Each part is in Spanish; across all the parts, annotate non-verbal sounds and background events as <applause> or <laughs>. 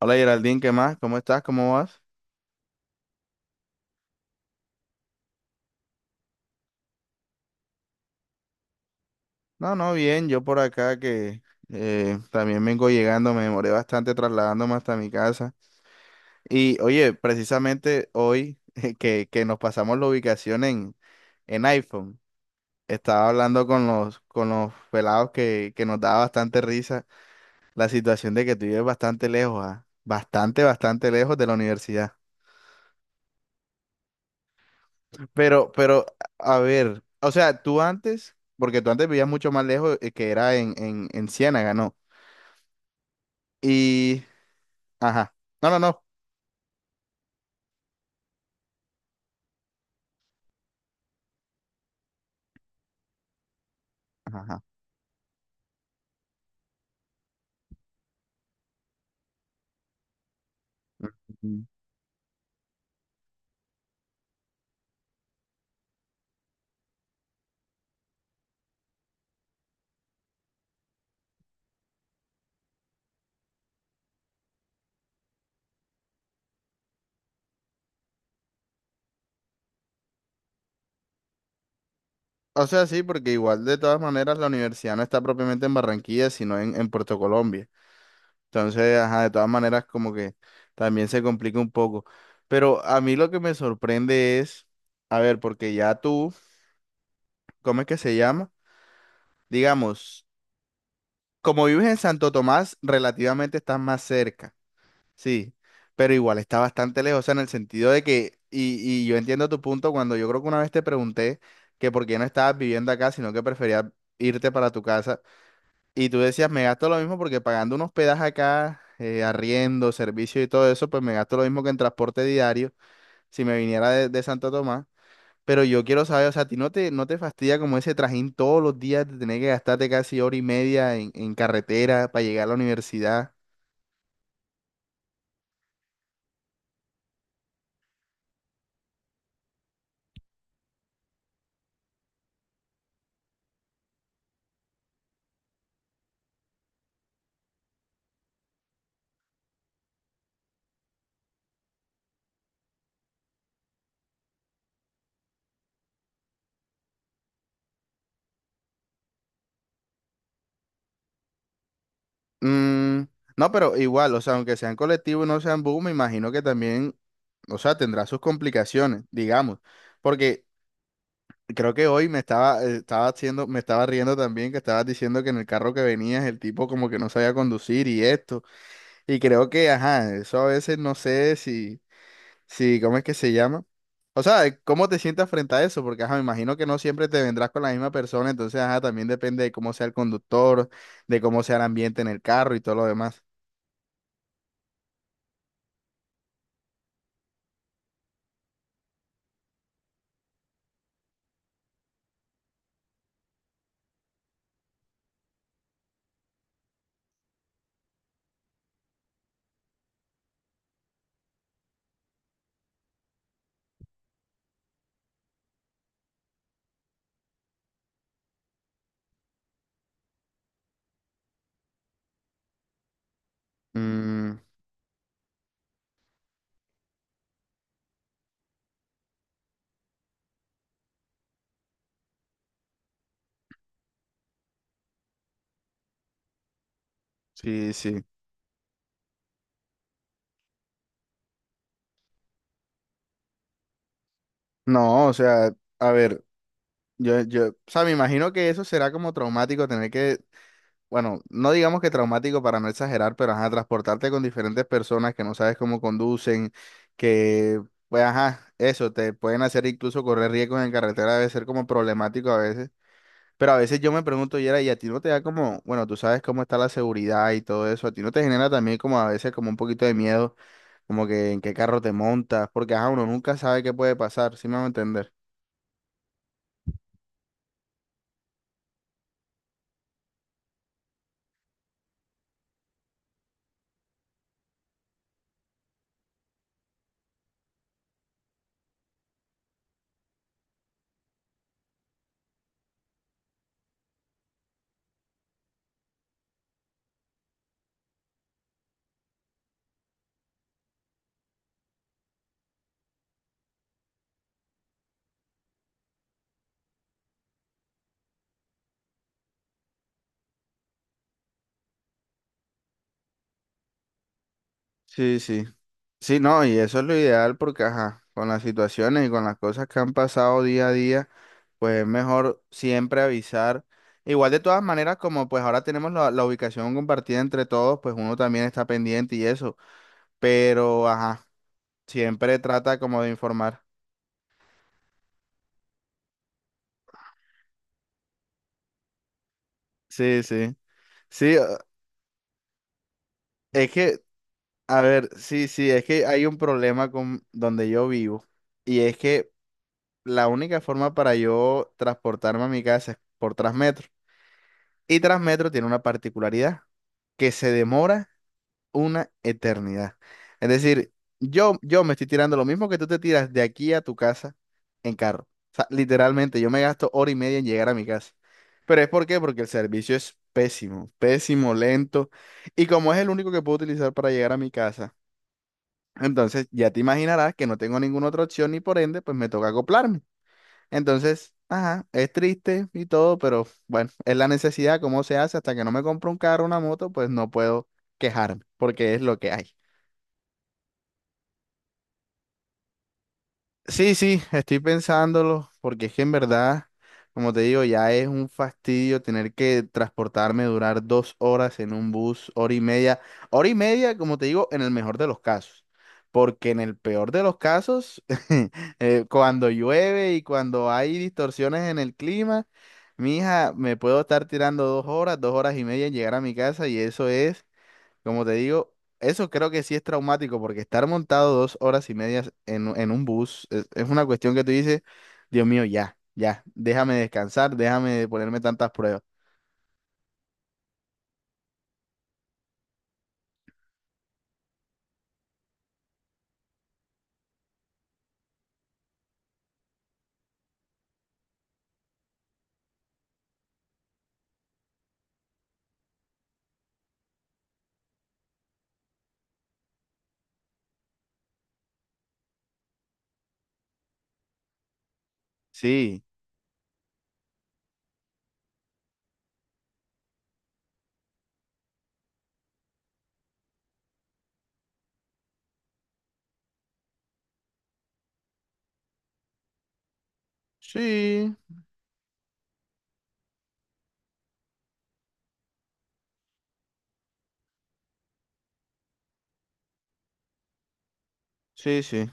Hola Geraldine, ¿qué más? ¿Cómo estás? ¿Cómo vas? No, no, bien, yo por acá que también vengo llegando, me demoré bastante trasladándome hasta mi casa. Y oye, precisamente hoy <laughs> que nos pasamos la ubicación en iPhone, estaba hablando con los pelados que nos daba bastante risa la situación de que tú vives bastante lejos, ah, bastante, bastante lejos de la universidad. Pero, a ver, o sea, tú antes, porque tú antes vivías mucho más lejos, que era en Ciénaga, ¿no? Y, ajá, no, no, no. Ajá, ajá. Mm. O sea, sí, porque igual de todas maneras la universidad no está propiamente en Barranquilla, sino en Puerto Colombia. Entonces, ajá, de todas maneras como que también se complica un poco. Pero a mí lo que me sorprende es, a ver, porque ya tú, ¿cómo es que se llama? Digamos, como vives en Santo Tomás, relativamente estás más cerca. Sí, pero igual está bastante lejos, o sea, en el sentido de que, y yo entiendo tu punto cuando yo creo que una vez te pregunté que por qué no estabas viviendo acá, sino que preferías irte para tu casa, y tú decías, me gasto lo mismo porque pagando un hospedaje acá, arriendo, servicio y todo eso, pues me gasto lo mismo que en transporte diario si me viniera de Santo Tomás, pero yo quiero saber, o sea, ¿a ti no te fastidia como ese trajín todos los días de tener que gastarte casi hora y media en carretera para llegar a la universidad? Mm, no, pero igual, o sea, aunque sean colectivos y no sean bus, me imagino que también, o sea, tendrá sus complicaciones, digamos, porque creo que hoy me estaba, estaba haciendo, me estaba riendo también que estabas diciendo que en el carro que venías el tipo como que no sabía conducir y esto, y creo que, ajá, eso a veces no sé si, si, ¿cómo es que se llama? O sea, ¿cómo te sientas frente a eso? Porque, ajá, me imagino que no siempre te vendrás con la misma persona, entonces, ajá, también depende de cómo sea el conductor, de cómo sea el ambiente en el carro y todo lo demás. Mm, sí, sí. No, o sea, a ver, yo, o sea, me imagino que eso será como traumático tener que, bueno, no digamos que traumático para no exagerar, pero ajá, transportarte con diferentes personas que no sabes cómo conducen, que, pues ajá, eso, te pueden hacer incluso correr riesgos en carretera, debe ser como problemático a veces. Pero a veces yo me pregunto, Yera, y a ti no te da como, bueno, tú sabes cómo está la seguridad y todo eso, a ti no te genera también como a veces como un poquito de miedo como que en qué carro te montas, porque ajá, uno nunca sabe qué puede pasar, ¿sí me van a entender? Sí, sí. Sí, no, y eso es lo ideal porque, ajá, con las situaciones y con las cosas que han pasado día a día, pues es mejor siempre avisar. Igual de todas maneras, como pues ahora tenemos la ubicación compartida entre todos, pues uno también está pendiente y eso, pero, ajá, siempre trata como de informar. Sí, sí. Sí, es que, a ver, sí, sí, es que hay un problema con donde yo vivo y es que la única forma para yo transportarme a mi casa es por Transmetro. Y Transmetro tiene una particularidad, que se demora una eternidad. Es decir, yo me estoy tirando lo mismo que tú te tiras de aquí a tu casa en carro. O sea, literalmente, yo me gasto hora y media en llegar a mi casa. Pero es por qué, porque el servicio es pésimo, pésimo, lento. Y como es el único que puedo utilizar para llegar a mi casa, entonces ya te imaginarás que no tengo ninguna otra opción y por ende, pues me toca acoplarme. Entonces, ajá, es triste y todo, pero bueno, es la necesidad, cómo se hace, hasta que no me compro un carro, una moto, pues no puedo quejarme, porque es lo que hay. Sí, sí, estoy pensándolo, porque es que en verdad, como te digo, ya es un fastidio tener que transportarme, durar dos horas en un bus, hora y media, como te digo, en el mejor de los casos, porque en el peor de los casos, <laughs> cuando llueve y cuando hay distorsiones en el clima, mija, me puedo estar tirando dos horas y media en llegar a mi casa y eso es como te digo, eso creo que sí es traumático porque estar montado dos horas y medias en, en un bus es una cuestión que tú dices, Dios mío, ya, ya, déjame descansar, déjame ponerme tantas pruebas. Sí, sí, sí, sí.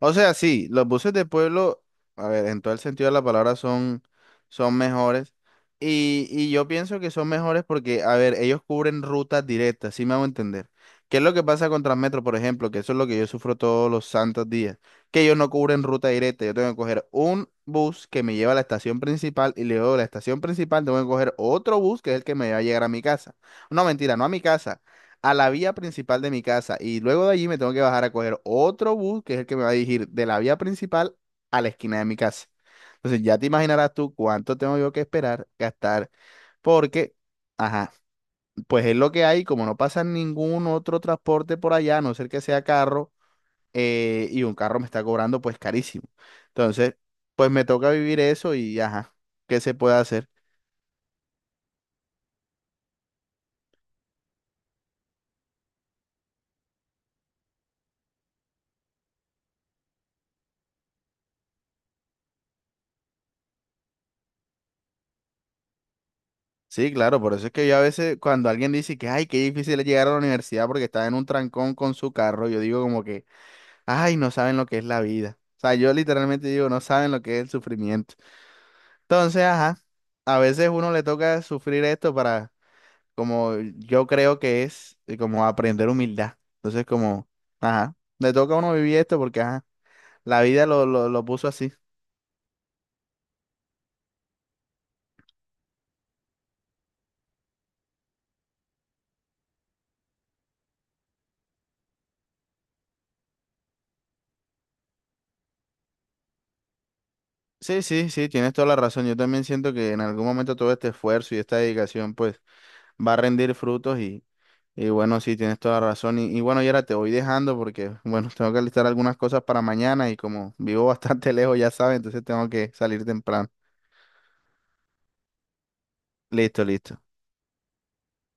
O sea, sí, los buses de pueblo, a ver, en todo el sentido de la palabra son, son mejores. Y yo pienso que son mejores porque, a ver, ellos cubren rutas directas, ¿sí me hago entender? ¿Qué es lo que pasa con Transmetro, por ejemplo? Que eso es lo que yo sufro todos los santos días, que ellos no cubren ruta directa. Yo tengo que coger un bus que me lleva a la estación principal y luego de la estación principal tengo que coger otro bus que es el que me va a llegar a mi casa. No, mentira, no a mi casa, a la vía principal de mi casa y luego de allí me tengo que bajar a coger otro bus que es el que me va a dirigir de la vía principal a la esquina de mi casa. Entonces ya te imaginarás tú cuánto tengo yo que esperar, gastar, porque, ajá, pues es lo que hay, como no pasa ningún otro transporte por allá, a no ser que sea carro, y un carro me está cobrando pues carísimo. Entonces, pues me toca vivir eso y ajá, ¿qué se puede hacer? Sí, claro, por eso es que yo a veces cuando alguien dice que, ay, qué difícil es llegar a la universidad porque está en un trancón con su carro, yo digo como que, ay, no saben lo que es la vida. O sea, yo literalmente digo, no saben lo que es el sufrimiento. Entonces, ajá, a veces uno le toca sufrir esto para, como yo creo que es, como aprender humildad. Entonces, como, ajá, le toca a uno vivir esto porque, ajá, la vida lo puso así. Sí, sí, sí, tienes toda la razón. Yo también siento que en algún momento todo este esfuerzo y esta dedicación, pues va a rendir frutos y bueno, sí, tienes toda la razón. Y bueno, Yera, te voy dejando porque, bueno, tengo que listar algunas cosas para mañana y como vivo <laughs> bastante lejos, ya sabes, entonces tengo que salir temprano. Listo, listo.